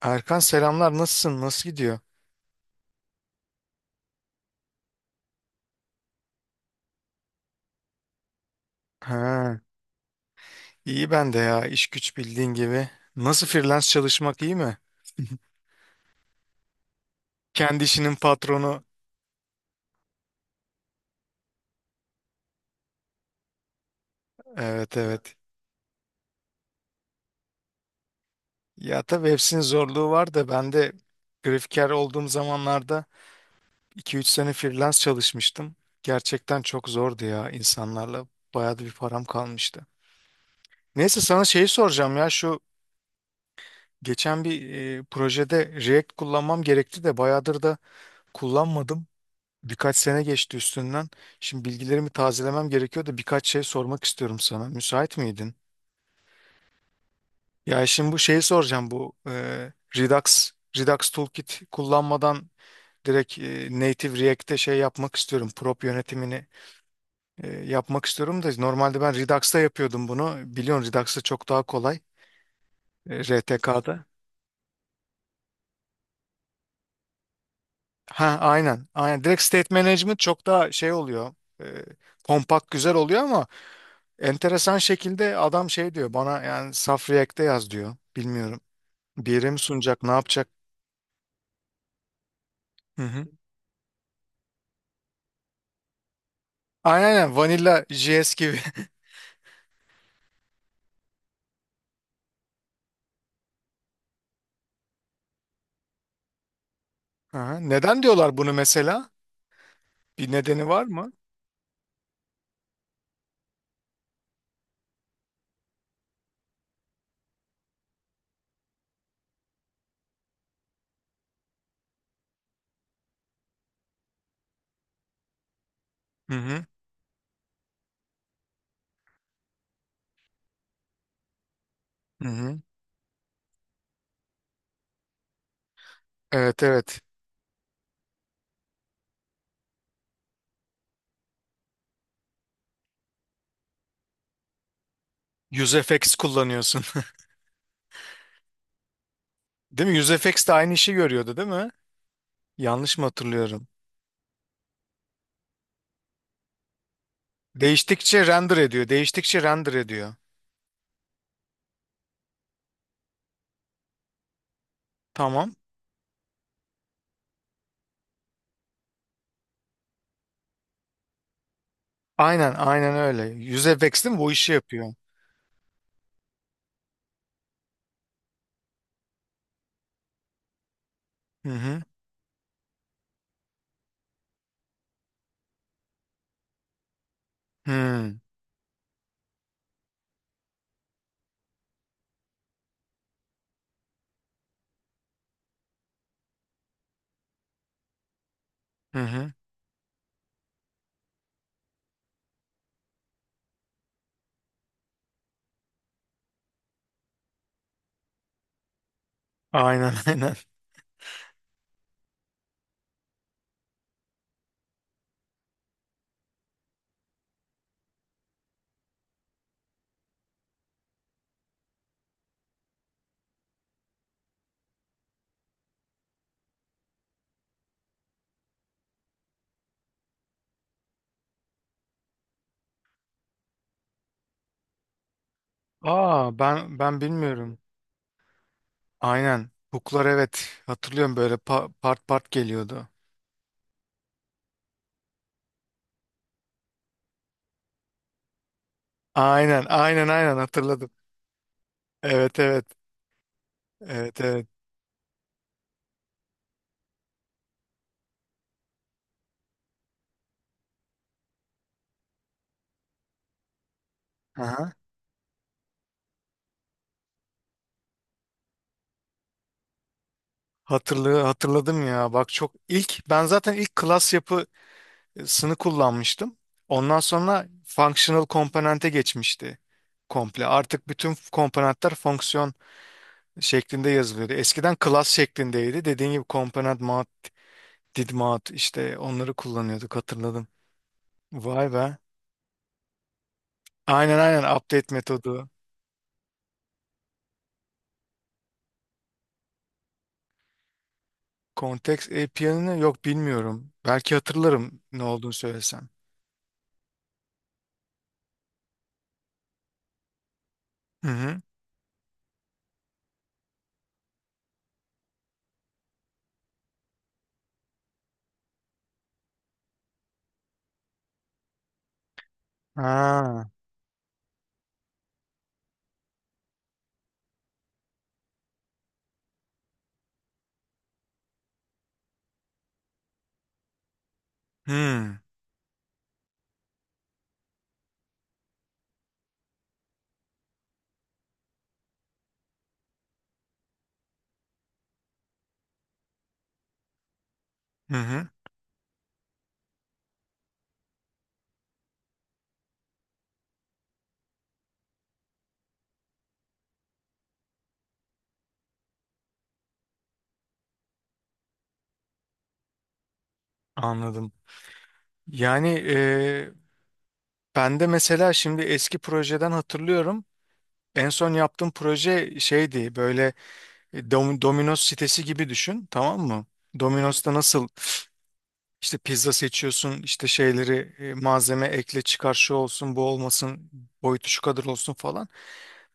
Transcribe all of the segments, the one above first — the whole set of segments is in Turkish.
Erkan selamlar, nasılsın, nasıl gidiyor? Ha, iyi ben de ya, iş güç bildiğin gibi. Nasıl, freelance çalışmak iyi mi? Kendi işinin patronu. Evet, evet. Ya tabii hepsinin zorluğu var da ben de grafiker olduğum zamanlarda 2-3 sene freelance çalışmıştım. Gerçekten çok zordu ya, insanlarla. Bayağı da bir param kalmıştı. Neyse, sana şeyi soracağım ya, şu geçen bir projede React kullanmam gerekti de bayağıdır da kullanmadım. Birkaç sene geçti üstünden. Şimdi bilgilerimi tazelemem gerekiyor da birkaç şey sormak istiyorum sana. Müsait miydin? Ya şimdi bu şeyi soracağım, bu Redux Toolkit kullanmadan direkt Native React'te şey yapmak istiyorum. Prop yönetimini yapmak istiyorum da normalde ben Redux'ta yapıyordum bunu. Biliyorsun, Redux'ta çok daha kolay. RTK'da. Ha, aynen. Aynen. Direkt State Management çok daha şey oluyor. E, kompakt güzel oluyor ama enteresan şekilde adam şey diyor bana, yani saf React'te yaz diyor. Bilmiyorum. Bir yere mi sunacak, ne yapacak? Hı hı. Aynen aynen, Vanilla JS gibi. Aha. Neden diyorlar bunu mesela? Bir nedeni var mı? Hı hı. Hı hı. Evet, evet. UseFX kullanıyorsun. Değil mi? UseFX de aynı işi görüyordu değil mi? Yanlış mı hatırlıyorum? Değiştikçe render ediyor. Değiştikçe render ediyor. Tamam. Aynen aynen öyle. UseFX değil mi? Bu işi yapıyor. Hı hı. Hı hı. Aynen, aynen. Aa, ben bilmiyorum. Aynen. Hook'lar, evet. Hatırlıyorum, böyle part part geliyordu. Aynen, aynen, aynen, hatırladım. Evet, evet. Evet, evet. Aha. Hatırladım ya. Bak, çok ilk, ben zaten ilk class yapısını kullanmıştım. Ondan sonra functional komponente geçmişti komple. Artık bütün komponentler fonksiyon şeklinde yazılıyordu. Eskiden class şeklindeydi. Dediğin gibi, komponent mount, did mount, işte onları kullanıyorduk, hatırladım. Vay be. Aynen, aynen, update metodu. Context API'ını, yok, bilmiyorum. Belki hatırlarım ne olduğunu söylesem. Hı hı. Ha. Hı. Hı hı. Anladım. Yani ben de mesela şimdi eski projeden hatırlıyorum. En son yaptığım proje şeydi, böyle Domino's sitesi gibi düşün, tamam mı? Domino's'ta nasıl. İşte pizza seçiyorsun, işte şeyleri malzeme ekle çıkar, şu olsun bu olmasın, boyutu şu kadar olsun falan.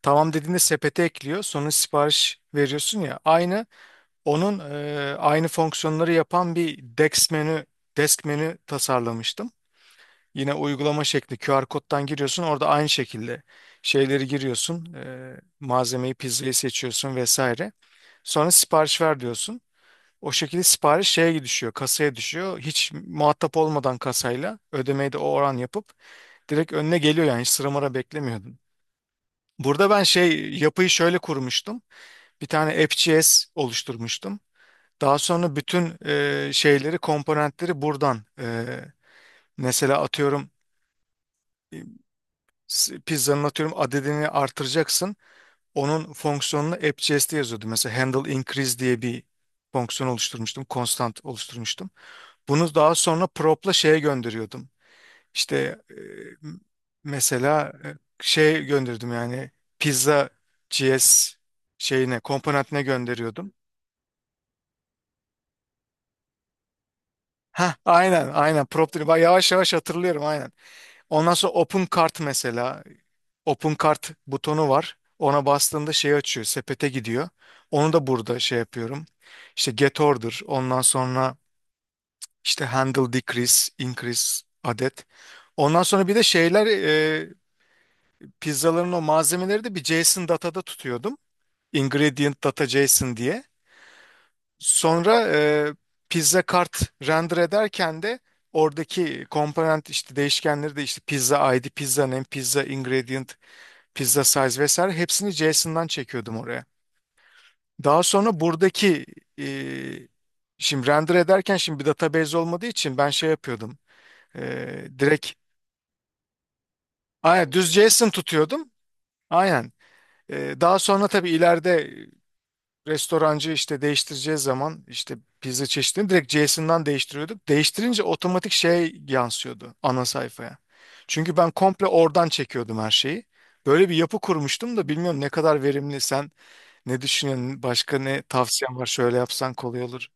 Tamam dediğinde sepete ekliyor. Sonra sipariş veriyorsun ya. Aynı onun aynı fonksiyonları yapan bir desk menü, desk menü tasarlamıştım. Yine uygulama şekli, QR koddan giriyorsun. Orada aynı şekilde şeyleri giriyorsun. Malzemeyi, pizzayı seçiyorsun vesaire. Sonra sipariş ver diyorsun. O şekilde sipariş şeye düşüyor, kasaya düşüyor. Hiç muhatap olmadan kasayla ödemeyi de o oran yapıp direkt önüne geliyor, yani hiç sıra mara beklemiyordum. Burada ben şey, yapıyı şöyle kurmuştum. Bir tane AppJS oluşturmuştum. Daha sonra bütün şeyleri, komponentleri buradan, mesela atıyorum e, pizzanın, atıyorum, adedini artıracaksın. Onun fonksiyonunu AppJS'te yazıyordu. Mesela handle increase diye bir fonksiyon oluşturmuştum, constant oluşturmuştum. Bunu daha sonra prop'la şeye gönderiyordum. İşte e, mesela şey gönderdim, yani pizza GS şeyine, komponentine gönderiyordum. Ha aynen, aynen, prop dedi. Bak, yavaş yavaş hatırlıyorum, aynen. Ondan sonra open cart mesela, open cart butonu var. Ona bastığında şey açıyor, sepete gidiyor. Onu da burada şey yapıyorum. İşte get order, ondan sonra işte handle decrease, increase adet. Ondan sonra bir de şeyler. Pizzaların o malzemeleri de bir JSON datada tutuyordum. Ingredient data JSON diye. Sonra pizza kart render ederken de oradaki komponent işte değişkenleri de, işte pizza ID, pizza name, pizza ingredient, pizza size vesaire hepsini JSON'dan çekiyordum oraya. Daha sonra buradaki e, şimdi render ederken, şimdi bir database olmadığı için ben şey yapıyordum. E, direkt aynen, düz JSON tutuyordum. Aynen. Daha sonra tabii ileride restorancı işte değiştireceği zaman işte pizza çeşidini direkt Jason'dan değiştiriyorduk. Değiştirince otomatik şey yansıyordu ana sayfaya. Çünkü ben komple oradan çekiyordum her şeyi. Böyle bir yapı kurmuştum da bilmiyorum ne kadar verimli, sen ne düşünüyorsun, başka ne tavsiyen var, şöyle yapsan kolay olur.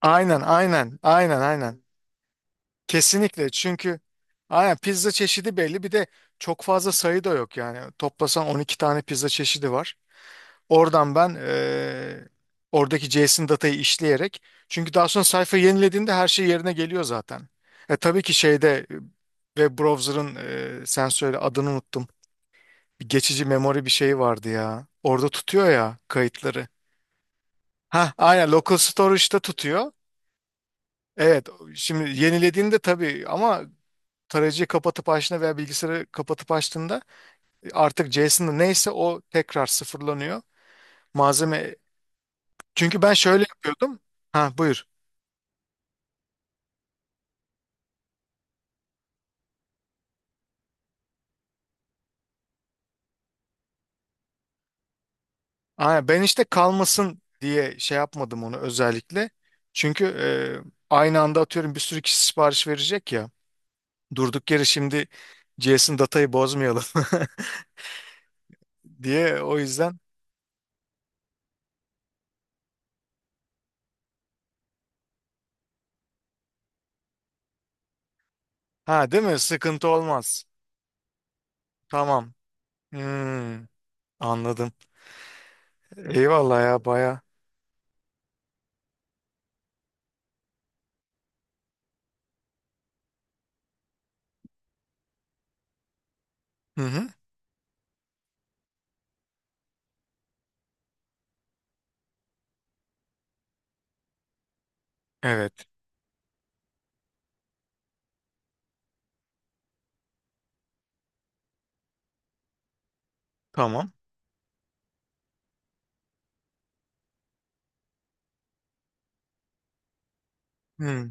Aynen, aynen, aynen, aynen. Kesinlikle, çünkü aynen pizza çeşidi belli, bir de çok fazla sayı da yok yani. Toplasan 12 tane pizza çeşidi var. Oradan ben, oradaki JSON datayı işleyerek, çünkü daha sonra sayfa yenilediğinde her şey yerine geliyor zaten. Tabii ki şeyde, web browser'ın sen söyle, adını unuttum. Bir geçici memori bir şeyi vardı ya. Orada tutuyor ya kayıtları. Ha, aynen, local storage'da tutuyor. Evet, şimdi yenilediğinde tabii ama tarayıcıyı kapatıp açtığında veya bilgisayarı kapatıp açtığında artık JSON'da neyse o tekrar sıfırlanıyor. Malzeme, çünkü ben şöyle yapıyordum. Ha, buyur. Aynen, ben işte kalmasın diye şey yapmadım onu özellikle. Çünkü aynı anda atıyorum bir sürü kişi sipariş verecek ya. Durduk yere şimdi JSON datayı bozmayalım diye, o yüzden. Ha, değil mi? Sıkıntı olmaz. Tamam. Hmm, anladım. Eyvallah ya, baya. Hı hı. Evet. Tamam. Hı.